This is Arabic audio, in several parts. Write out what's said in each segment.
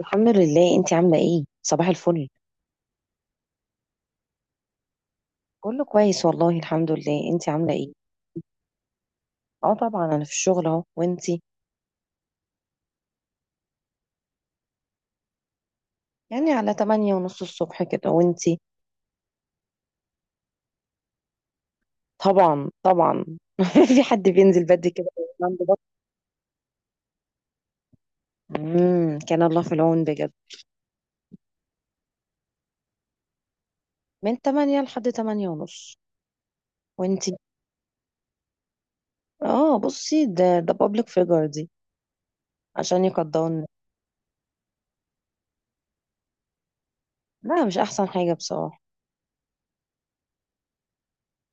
الحمد لله. انت عامله ايه؟ صباح الفل. كله كويس والله، الحمد لله. انت عامله ايه؟ اه طبعا، انا في الشغل اهو. وانتي؟ يعني على تمانية ونص الصبح كده. وانتي؟ طبعا، طبعا. في حد بينزل بدري كده وينام ببطء؟ كان الله في العون بجد. من تمانية لحد تمانية ونص. وانتي؟ اه، بصي، ده بابليك فيجر دي، عشان يقدرنا. لا، مش احسن حاجه بصراحه.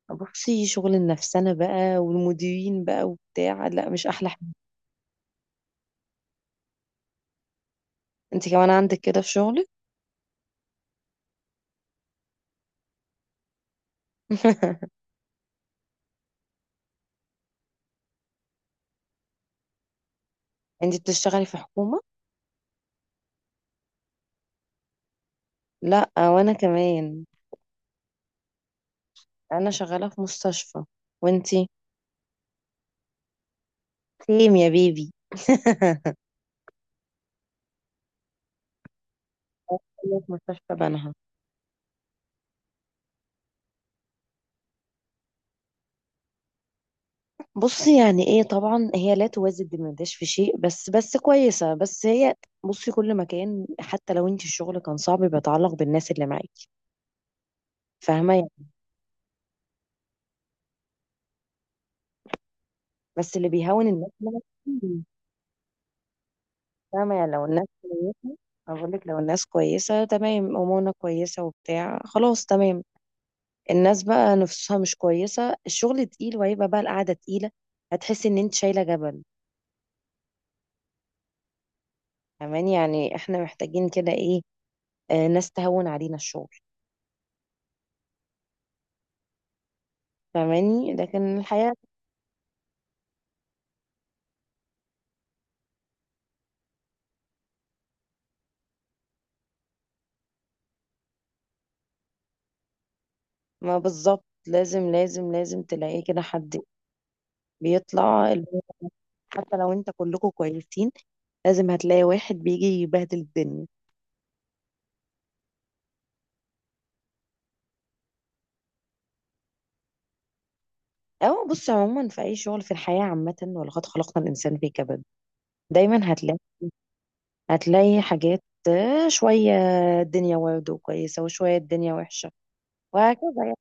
بصي، شغل النفسنه بقى والمديرين بقى وبتاع، لا مش احلى حاجه. انت كمان عندك كده في شغلك. انتي بتشتغلي في حكومة؟ لا، وانا كمان. انا شغالة في مستشفى. وانتي؟ سيم يا بيبي. في مستشفى بنها. بصي يعني ايه، طبعا هي لا توازي بمداش في شيء، بس كويسة، بس هي، بصي، كل مكان حتى لو انتي الشغل كان صعب، بيتعلق بالناس اللي معاكي. فاهمة يعني. بس اللي بيهون الناس اللي معاكي. فاهمة يعني، لو الناس كويسة، أقول لك، لو الناس كويسة تمام، أمورنا كويسة وبتاع، خلاص تمام. الناس بقى نفسها مش كويسة، الشغل تقيل، وهيبقى بقى القعدة تقيلة. هتحسي ان انت شايلة جبل. فاهماني؟ يعني احنا محتاجين كده ايه، ناس تهون علينا الشغل. فاهماني؟ لكن الحياة، ما بالظبط، لازم لازم لازم تلاقي كده حد بيطلع الب- حتى لو انت كلكم كويسين، لازم هتلاقي واحد بيجي يبهدل الدنيا. او بص، عموما في اي شغل في الحياة عامة، ولقد خلقنا الانسان في كبد. دايما هتلاقي، هتلاقي حاجات، شوية الدنيا برضه كويسة وشوية الدنيا وحشة، وهكذا يعني.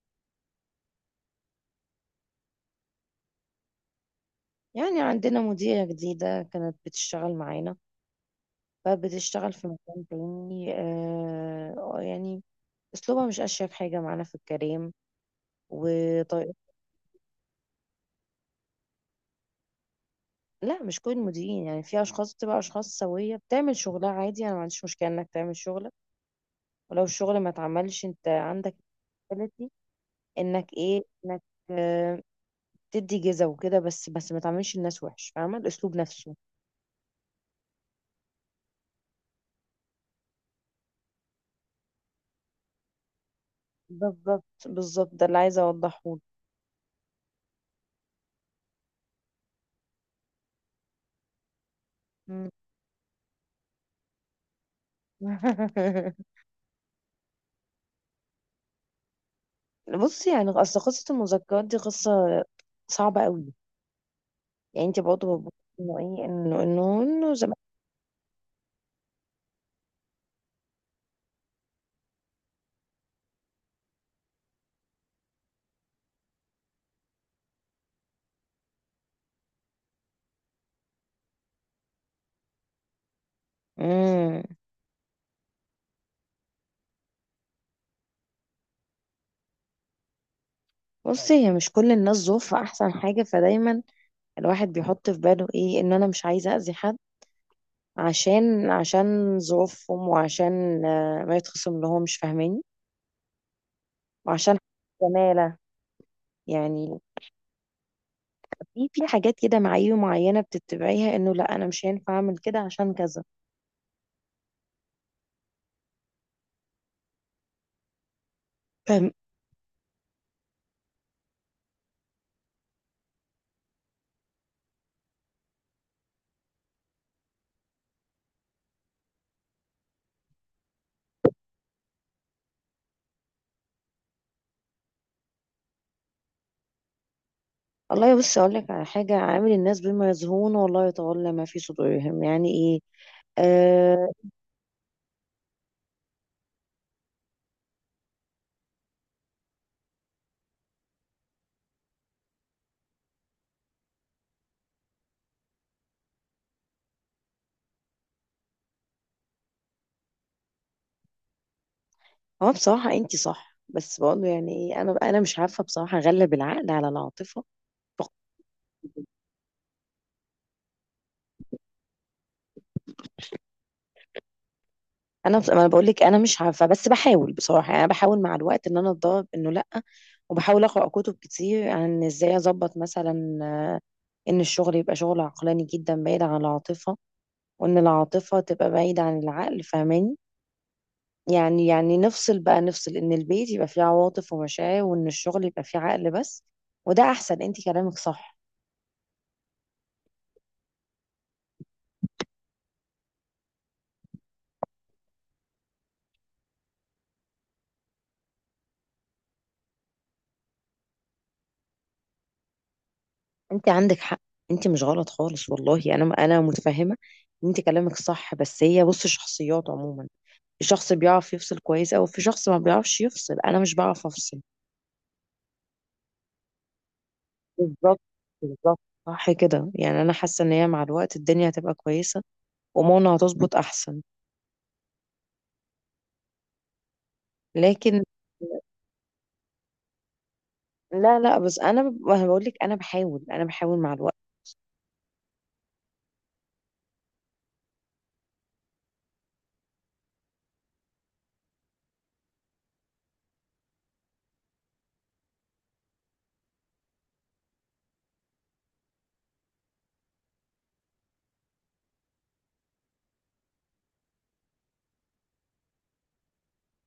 يعني عندنا مديرة جديدة كانت بتشتغل معانا، فبتشتغل في مكان تاني، يعني أسلوبها مش أشيك حاجة معانا في الكلام وطريقة. لا، مش كل المديرين يعني، في أشخاص بتبقى أشخاص سوية بتعمل شغلها عادي، أنا ما عنديش مشكلة إنك تعمل شغلك، ولو الشغل ما اتعملش أنت عندك ability، إنك إيه، إنك آه تدي جزا وكده، بس ما تعملش الناس وحش. فاهمة الأسلوب نفسه؟ بالظبط، بالظبط، ده اللي عايزة أوضحه لك. مم. بصي، يعني اصل قصه المذكرات دي قصه صعبه قوي. يعني انت برضه بتبصي انه ايه، انه زمان. امم بصي، هي مش كل الناس ظروفها احسن حاجه، فدايما الواحد بيحط في باله ايه، ان انا مش عايزه اذي حد، عشان ظروفهم، وعشان ما يتخصم لهم. مش فاهماني؟ وعشان زماله يعني، في حاجات كده، معايير معينه بتتبعيها، انه لا، انا مش هينفع اعمل كده عشان كذا. فاهماني؟ والله بص، اقول لك على حاجه، عامل الناس بما يزهون، والله يتولى ما في صدورهم، يعني ايه، آه هو بصراحه انت صح، بس بقول له يعني ايه، انا مش عارفه بصراحه اغلب العقل على العاطفه. ما انا بقول لك انا مش عارفه، بس بحاول بصراحه يعني. انا بحاول مع الوقت ان انا اتدرب انه لا، وبحاول اقرا كتب كتير عن ازاي اظبط مثلا، ان الشغل يبقى شغل عقلاني جدا بعيد عن العاطفه، وان العاطفه تبقى بعيده عن العقل. فاهماني؟ يعني، نفصل بقى، نفصل ان البيت يبقى فيه عواطف ومشاعر، وان الشغل يبقى فيه عقل بس. وده احسن، انت كلامك صح. انت عندك حق، انت مش غلط خالص والله، انا متفهمه ان انت كلامك صح، بس هي بص، شخصيات عموما، في شخص بيعرف يفصل كويس، او في شخص ما بيعرفش يفصل. انا مش بعرف افصل. بالظبط، بالظبط. صح كده، يعني انا حاسه ان هي مع الوقت الدنيا هتبقى كويسه، وماما هتظبط احسن. لكن، لا لا، بس ما أنا بقول لك انا بحاول، انا بحاول مع الوقت.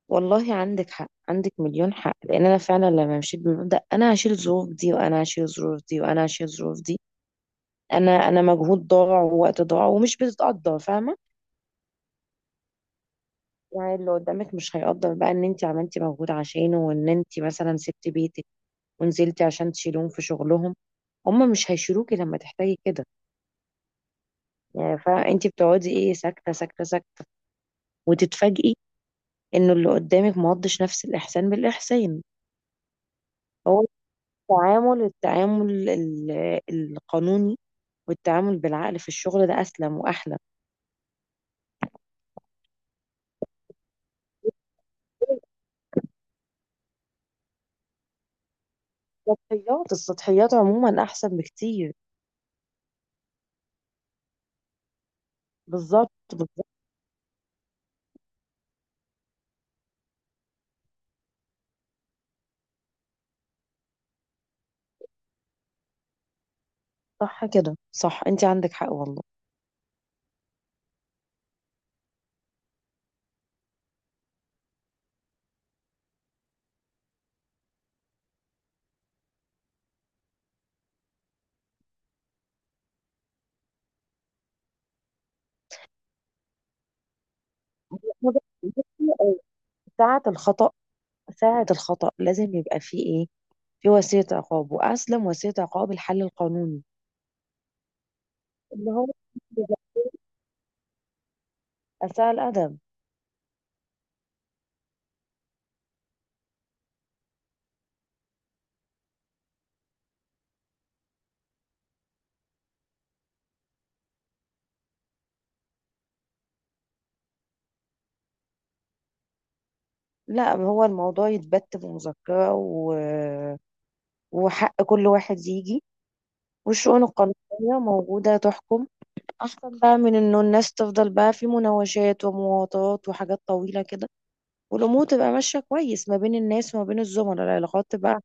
والله عندك حق، عندك مليون حق، لان انا فعلا لما مشيت بالمبدأ انا هشيل الظروف دي، وانا هشيل الظروف دي، وانا هشيل الظروف دي، انا، مجهود ضاع ووقت ضاع ومش بتتقدر. فاهمه؟ يعني اللي قدامك مش هيقدر بقى ان انت عملتي مجهود عشانه، وان انت مثلا سبتي بيتك ونزلتي عشان تشيلهم في شغلهم. هم مش هيشيلوكي لما تحتاجي كده. يعني فانت بتقعدي ايه، ساكته ساكته ساكته، وتتفاجئي انه اللي قدامك ما قضش نفس الاحسان بالاحسان. هو التعامل، القانوني والتعامل بالعقل في الشغل ده أسلم وأحلى. السطحيات، عموما أحسن بكتير. بالظبط، بالظبط. صح كده، صح، أنت عندك حق والله. بصي، ساعة الخطأ، ساعة الخطأ لازم يبقى فيه إيه، في وسيلة عقاب، وأسلم وسيلة عقاب الحل القانوني. اللي هو أساء الأدب. لا، هو الموضوع يتبت بمذكرة، و... وحق كل واحد يجي. والشؤون القانونية موجودة تحكم، اصلا بقى، من انه الناس تفضل بقى في مناوشات ومواطات وحاجات طويله كده، والامور تبقى ماشيه كويس ما بين الناس، وما بين الزملاء العلاقات تبقى.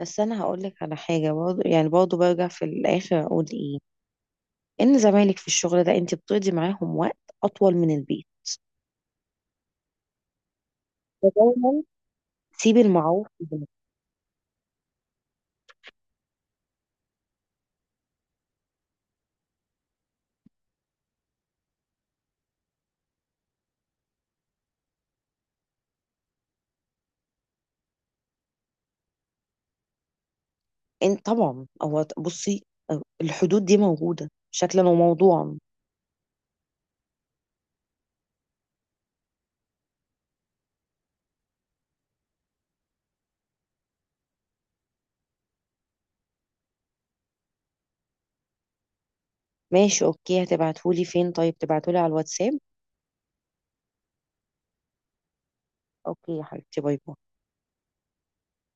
بس انا هقول لك على حاجه برضه، يعني برضه برجع في الاخر اقول ايه، ان زمايلك في الشغل ده انت بتقضي معاهم وقت اطول من البيت، فدايما سيبي المعروف لله. انت طبعا، هو بصي، الحدود دي موجوده شكلا وموضوعا. ماشي، اوكي. هتبعتهولي فين؟ طيب تبعتهولي على الواتساب. اوكي يا حبيبتي، باي باي.